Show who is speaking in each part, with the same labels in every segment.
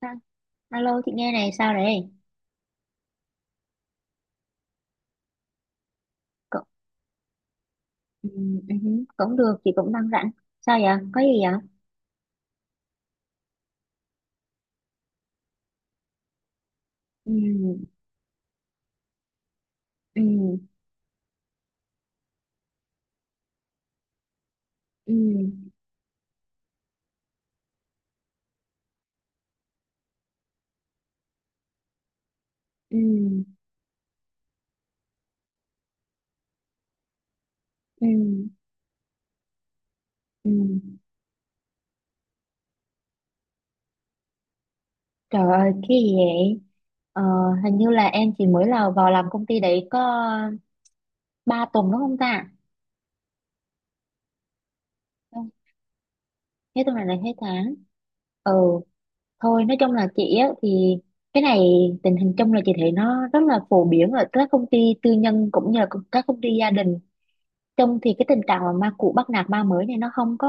Speaker 1: Sao? Alo chị nghe này sao đấy cũng, cũng được, chị cũng đang rảnh. Sao vậy, có gì vậy? Ừm, ừm, ừm, ừm, ừm, ừm. Trời ơi cái gì vậy? ờ, Hình như là em chỉ mới là vào làm công ty đấy có 3 tuần đúng không ta? Không, hết tuần này là hết tháng. Ừ, thôi nói chung là chị á thì cái này, tình hình chung là chị thấy nó rất là phổ biến ở các công ty tư nhân cũng như là các công ty gia đình chung, thì cái tình trạng mà ma cũ bắt nạt ma mới này nó không có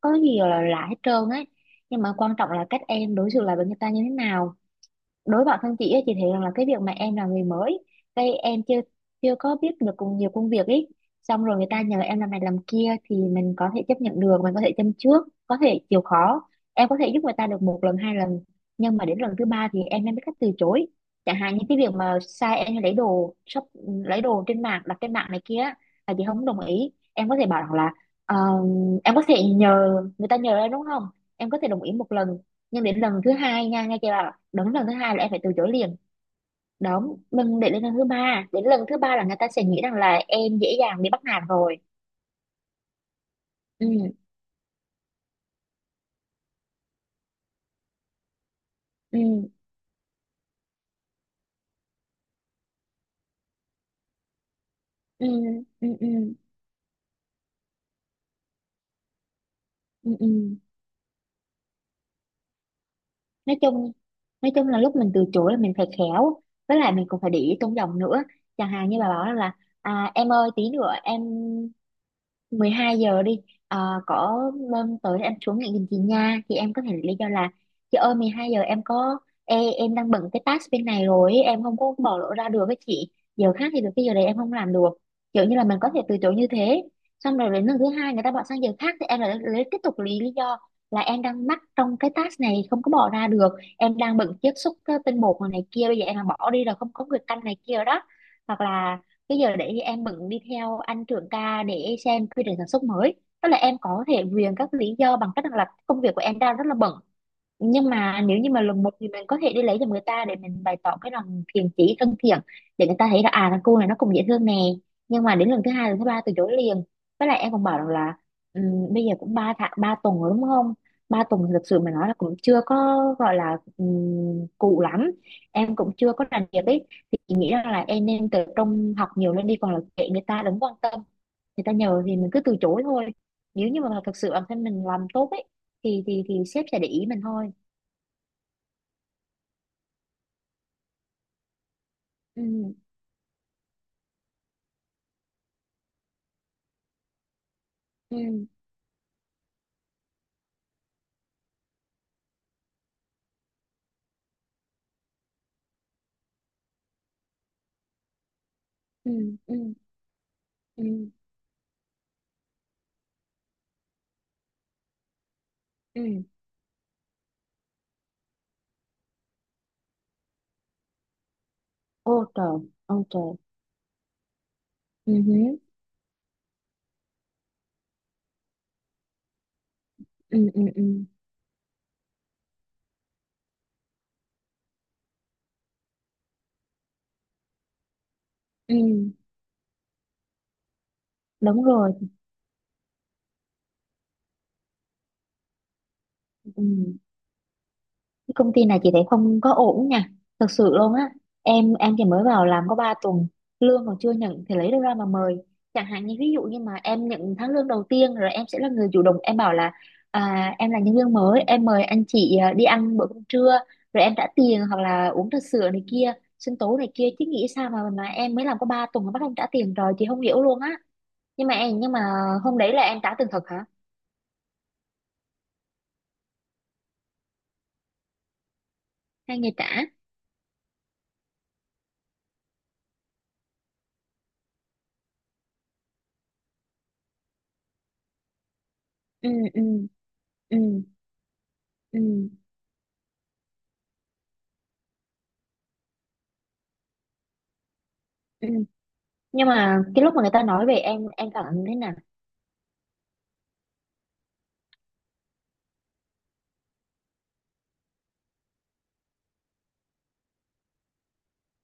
Speaker 1: có gì gọi là lạ hết trơn ấy. Nhưng mà quan trọng là cách em đối xử lại với người ta như thế nào. Đối với bản thân chị ấy, chị thấy rằng là cái việc mà em là người mới, cái em chưa chưa có biết được cùng nhiều công việc ấy, xong rồi người ta nhờ em làm này làm kia thì mình có thể chấp nhận được, mình có thể châm trước, có thể chịu khó. Em có thể giúp người ta được một lần hai lần, nhưng mà đến lần thứ ba thì em nên biết cách từ chối. Chẳng hạn như cái việc mà sai em lấy đồ shop, lấy đồ trên mạng, đặt trên mạng này kia á, là chị không đồng ý. Em có thể bảo rằng là "Ờ, em có thể nhờ người ta nhờ em đúng không, em có thể đồng ý một lần nhưng đến lần thứ hai nha, nghe chưa, bảo đúng lần thứ hai là em phải từ chối liền. Đúng, mình để đến lần thứ ba, đến lần thứ ba là người ta sẽ nghĩ rằng là em dễ dàng bị bắt nạt rồi. ừ ừ ừ ừ ừ ừ ừ. Nói chung, nói chung là lúc mình từ chối là mình phải khéo, với lại mình cũng phải để ý tôn giọng nữa. Chẳng hạn như bà bảo là em ơi tí nữa em 12 giờ đi, Ờ, có hôm tới em xuống nhận giùm chị nha, thì em có thể lý do là chị ơi 12 giờ em có Ê, em đang bận cái task bên này rồi ấy, em không có bỏ lỡ ra được với chị, giờ khác thì được, cái giờ đấy em không làm được. Kiểu như là mình có thể từ chối như thế. Xong rồi đến lần thứ hai người ta bỏ sang giờ khác thì em lại lấy tiếp tục lý lý do là em đang mắc trong cái task này, không có bỏ ra được, em đang bận chiết xuất cái tinh bột này này kia, bây giờ em mà bỏ đi là không có người canh này kia đó, hoặc là cái giờ đấy thì em bận đi theo anh trưởng ca để xem quy trình sản xuất mới. Tức là em có thể viện các lý do bằng cách rằng là công việc của em đang rất là bận. Nhưng mà nếu như mà lần một thì mình có thể đi lấy cho người ta để mình bày tỏ cái lòng thiện chí thân thiện, để người ta thấy là à thằng cu này nó cũng dễ thương nè. Nhưng mà đến lần thứ hai lần thứ ba từ chối liền. Với lại em còn bảo rằng là bây giờ cũng ba tháng ba tuần rồi đúng không, ba tuần thì thực sự mà nói là cũng chưa có gọi là cụ lắm, em cũng chưa có làm việc ấy, thì chị nghĩ rằng là em nên tập trung học nhiều lên đi, còn là kệ người ta đừng quan tâm, người ta nhờ thì mình cứ từ chối thôi. Nếu như mà thật sự bản thân mình làm tốt ấy thì thì sếp sẽ để ý mình thôi. ừ ừ ừ ừ ừ ừ Ô trời, ô trời. Ừ hứ, ừ ừ ừ ừ Đúng rồi. Ừ, cái công ty này chị thấy không có ổn nha, thật sự luôn á. Em chỉ mới vào làm có 3 tuần, lương còn chưa nhận thì lấy đâu ra mà mời. Chẳng hạn như ví dụ như mà em nhận tháng lương đầu tiên rồi em sẽ là người chủ động, em bảo là em là nhân viên mới, em mời anh chị đi ăn bữa cơm trưa, rồi em trả tiền, hoặc là uống trà sữa này kia, sinh tố này kia. Chứ nghĩ sao mà em mới làm có 3 tuần mà bắt em trả tiền, rồi chị không hiểu luôn á. Nhưng mà em, nhưng mà hôm đấy là em trả tiền thật hả hay người trả? ừ ừ ừ ừ ừ ừ. Nhưng mà cái lúc mà người ta nói về em cảm thấy thế nào?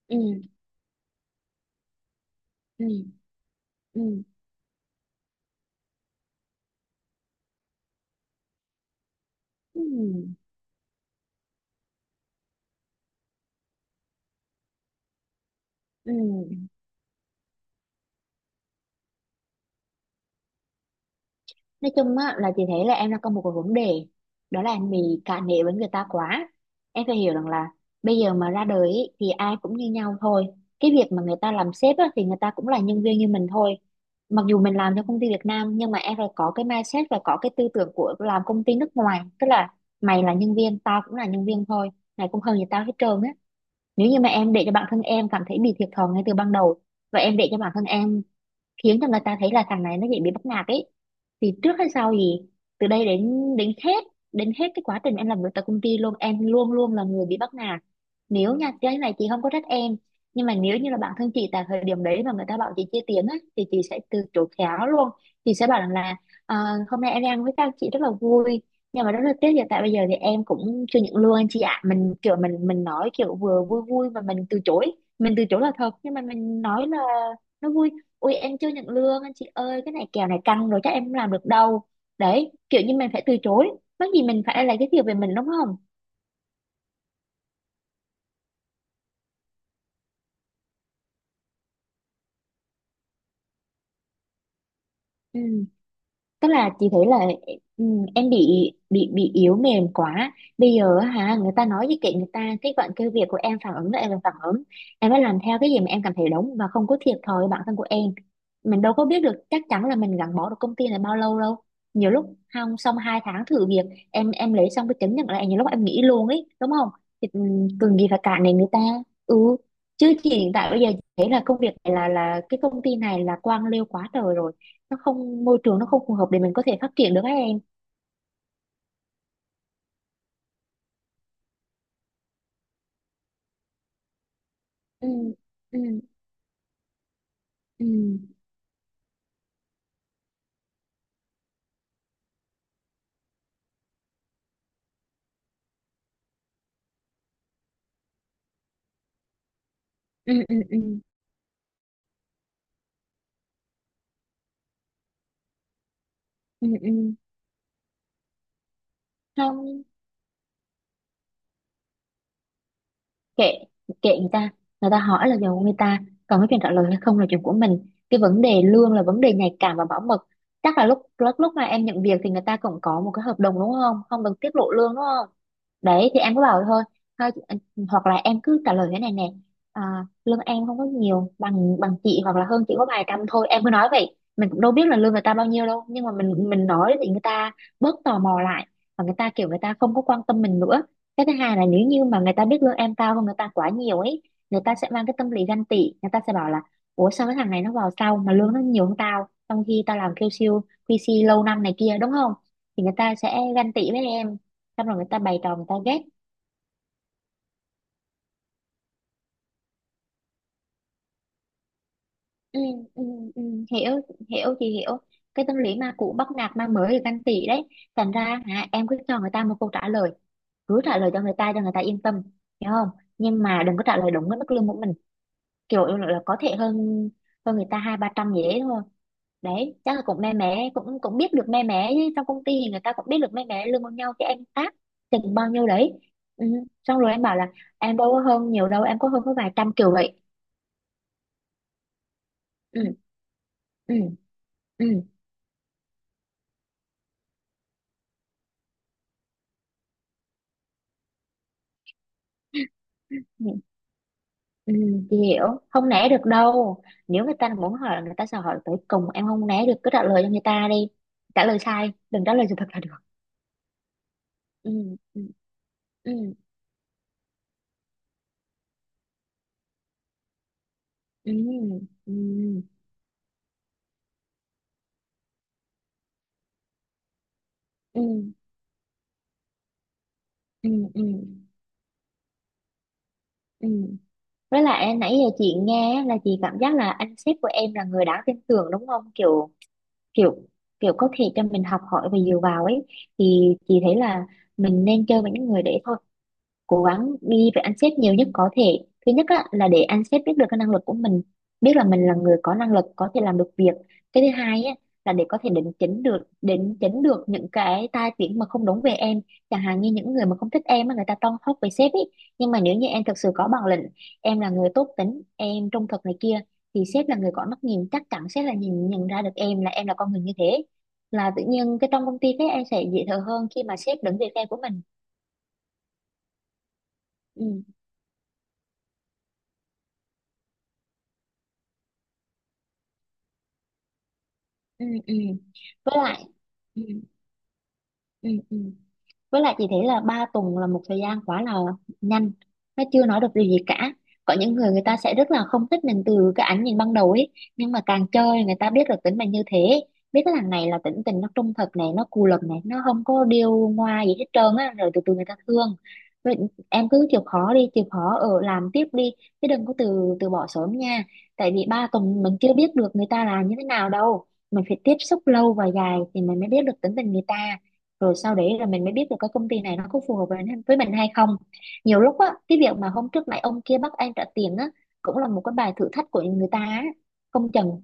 Speaker 1: ừ ừ ừ ừ ừ nói chung á là chị thấy là em đang có một cái vấn đề, đó là em bị cả nể với người ta quá. Em phải hiểu rằng là bây giờ mà ra đời ý, thì ai cũng như nhau thôi. Cái việc mà người ta làm sếp á, thì người ta cũng là nhân viên như mình thôi. Mặc dù mình làm cho công ty Việt Nam nhưng mà em phải có cái mindset và có cái tư tưởng của làm công ty nước ngoài, tức là mày là nhân viên tao cũng là nhân viên thôi, mày cũng hơn gì tao hết trơn á. Nếu như mà em để cho bản thân em cảm thấy bị thiệt thòi ngay từ ban đầu, và em để cho bản thân em khiến cho người ta thấy là thằng này nó dễ bị bắt nạt ấy, thì trước hay sau gì, từ đây đến đến hết đến hết cái quá trình em làm việc tại công ty luôn, em luôn luôn là người bị bắt nạt. Nếu nha, cái này chị không có trách em, nhưng mà nếu như là bản thân chị tại thời điểm đấy mà người ta bảo chị chia tiền á thì chị sẽ từ chối khéo luôn. Chị sẽ bảo rằng là "Ờ, hôm nay em đi ăn với các chị rất là vui, nhưng mà rất là tiếc, hiện tại bây giờ thì em cũng chưa nhận lương anh chị ạ", mình kiểu mình nói kiểu vừa vui vui mà mình từ chối. Mình từ chối là thật nhưng mà mình nói là nó vui. Ui em chưa nhận lương anh chị ơi, cái này kèo này căng rồi chắc em không làm được đâu. Đấy, kiểu như mình phải từ chối, mắc gì mình phải lấy cái thiệu về mình đúng không. Ừ, tức là chị thấy là ừ, em bị yếu mềm quá. Bây giờ á hả người ta nói gì kệ người ta, cái cái việc của em phản ứng là em phải phản ứng, em phải làm theo cái gì mà em cảm thấy đúng và không có thiệt thòi với bản thân của em. Mình đâu có biết được chắc chắn là mình gắn bó được công ty này bao lâu đâu. Nhiều lúc không xong hai tháng thử việc, em lấy xong cái chứng nhận lại nhiều lúc em nghỉ luôn ấy đúng không. Thì ừ, cần gì phải cản đến người ta. Ừ, chứ chị hiện tại bây giờ thấy là công việc này là cái công ty này là quan liêu quá trời rồi, nó không môi trường, nó không phù hợp để mình có thể phát triển được các em. ừ ừ ừ ừ ừ ừ ừ ừ. Không, kệ, kệ người ta. Người ta hỏi là giàu của người ta, còn cái chuyện trả lời hay không là chuyện của mình. Cái vấn đề lương là vấn đề nhạy cảm và bảo mật. Chắc là lúc lúc lúc mà em nhận việc thì người ta cũng có một cái hợp đồng đúng không, không được tiết lộ lương đúng không? Đấy thì em cứ bảo thôi, thôi chị- hoặc là em cứ trả lời thế này nè. à, Lương em không có nhiều bằng bằng chị, hoặc là hơn chị có vài trăm thôi. Em cứ nói vậy, mình cũng đâu biết là lương người ta bao nhiêu đâu, nhưng mà mình nói thì người ta bớt tò mò lại, và người ta kiểu người ta không có quan tâm mình nữa. Cái thứ hai là nếu như mà người ta biết lương em cao hơn người ta quá nhiều ấy, người ta sẽ mang cái tâm lý ganh tị. Người ta sẽ bảo là ủa sao cái thằng này nó vào sau mà lương nó nhiều hơn tao, trong khi tao làm QC, QC lâu năm này kia đúng không. Thì người ta sẽ ganh tị với em, xong rồi người ta bày trò, người ta ghét. Ừ, ừ, ừ, hiểu. Hiểu thì hiểu, cái tâm lý ma cũ bắt nạt ma mới thì ganh tị đấy. Thành ra hả, em cứ cho người ta một câu trả lời, cứ trả lời cho người ta yên tâm, hiểu không? Nhưng mà đừng có trả lời đúng với mức lương của mình. Kiểu em nói là có thể hơn hơn người ta hai ba trăm gì đấy thôi. Đấy chắc là cũng mé mé, cũng cũng biết được mé mé, chứ trong công ty thì người ta cũng biết được mé mé lương bao nhau cái em tác chừng bao nhiêu đấy. Ừ. Xong rồi em bảo là em đâu có hơn nhiều đâu, em có hơn có vài trăm kiểu vậy. Ừ. Ừ. Ừ. Ừ, ừ, chị hiểu không, né được đâu. Nếu người ta muốn hỏi là người ta sẽ hỏi tới cùng, em không né được, cứ trả lời cho người ta đi. Trả lời sai đừng trả lời sự thật là được. Ừ, ừ, ừ, ừ, ừ, ừ. Ừ. Ừ, ừ, ừ, với lại nãy giờ chị nghe á, là chị cảm giác là anh sếp của em là người đáng tin tưởng đúng không, kiểu kiểu kiểu có thể cho mình học hỏi và dựa vào ấy. Thì chị thấy là mình nên chơi với những người đấy thôi, cố gắng đi với anh sếp nhiều nhất có thể. Thứ nhất á, là để anh sếp biết được cái năng lực của mình, biết là mình là người có năng lực có thể làm được việc. Cái thứ hai á, là để có thể định chỉnh được những cái tai tiếng mà không đúng về em. Chẳng hạn như những người mà không thích em mà người ta toan hốc về sếp ấy, nhưng mà nếu như em thực sự có bản lĩnh, em là người tốt tính, em trung thực này kia, thì sếp là người có mắt nhìn, chắc chắn sếp là nhìn nhận ra được em là con người như thế. Là tự nhiên cái trong công ty cái em sẽ dễ thở hơn khi mà sếp đứng về phe của mình. Ừ. Ừ, ừ, với lại ừ, ừ, ừ, với lại chị thấy là 3 tuần là một thời gian quá là nhanh, nó chưa nói được điều gì cả. Có những người người ta sẽ rất là không thích mình từ cái ánh nhìn ban đầu ấy, nhưng mà càng chơi người ta biết được tính mình như thế, biết cái thằng này là tính tình nó trung thực này, nó cù lần này, nó không có điêu ngoa gì hết trơn á, rồi từ từ người ta thương. Vậy em cứ chịu khó đi, chịu khó ở làm tiếp đi, chứ đừng có từ từ bỏ sớm nha. Tại vì ba tuần mình chưa biết được người ta là như thế nào đâu, mình phải tiếp xúc lâu và dài thì mình mới biết được tính tình người ta. Rồi sau đấy là mình mới biết được cái công ty này nó có phù hợp với mình hay không. Nhiều lúc á, cái việc mà hôm trước nãy ông kia bắt anh trả tiền á, cũng là một cái bài thử thách của người ta á. Không chừng.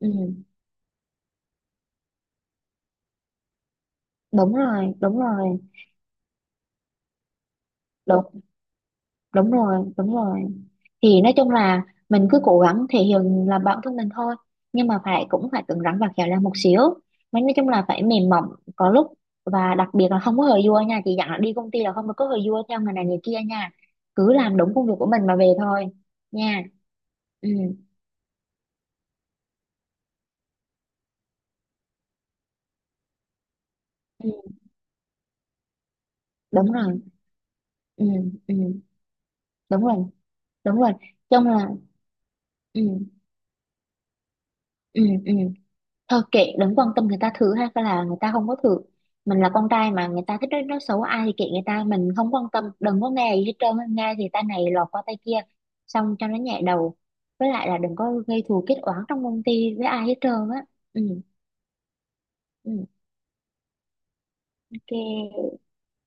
Speaker 1: Ừ, đúng rồi, đúng rồi, đúng, đúng rồi, đúng rồi. Thì nói chung là mình cứ cố gắng thể hiện là bản thân mình thôi, nhưng mà phải cũng phải cứng rắn và khéo léo một xíu. Mình nói chung là phải mềm mỏng có lúc, và đặc biệt là không có hờ vua nha. Chị dặn là đi công ty là không được có hờ vua theo người này người kia nha. Cứ làm đúng công việc của mình mà về thôi nha. Ừ, ừ, đúng rồi, ừ, ừ, đúng rồi, đúng rồi. Chung là ừ, ừ, ừ, thôi kệ, đừng quan tâm người ta thử hay là người ta không có thử. Mình là con trai mà, người ta thích nói xấu ai thì kệ người ta, mình không quan tâm, đừng có nghe gì hết trơn. Nghe thì tay này lọt qua tay kia, xong cho nó nhẹ đầu. Với lại là đừng có gây thù kết oán trong công ty với ai hết trơn á. Ừ, ừ, ok,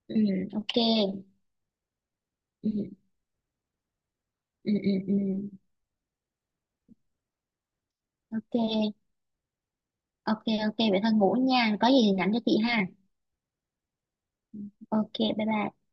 Speaker 1: ừ, ok, ừ, ừ, ừ, ừ. Ok, ok, ok vậy thôi, ngủ nha, có gì thì nhắn cho chị ha. Ok, bye bye.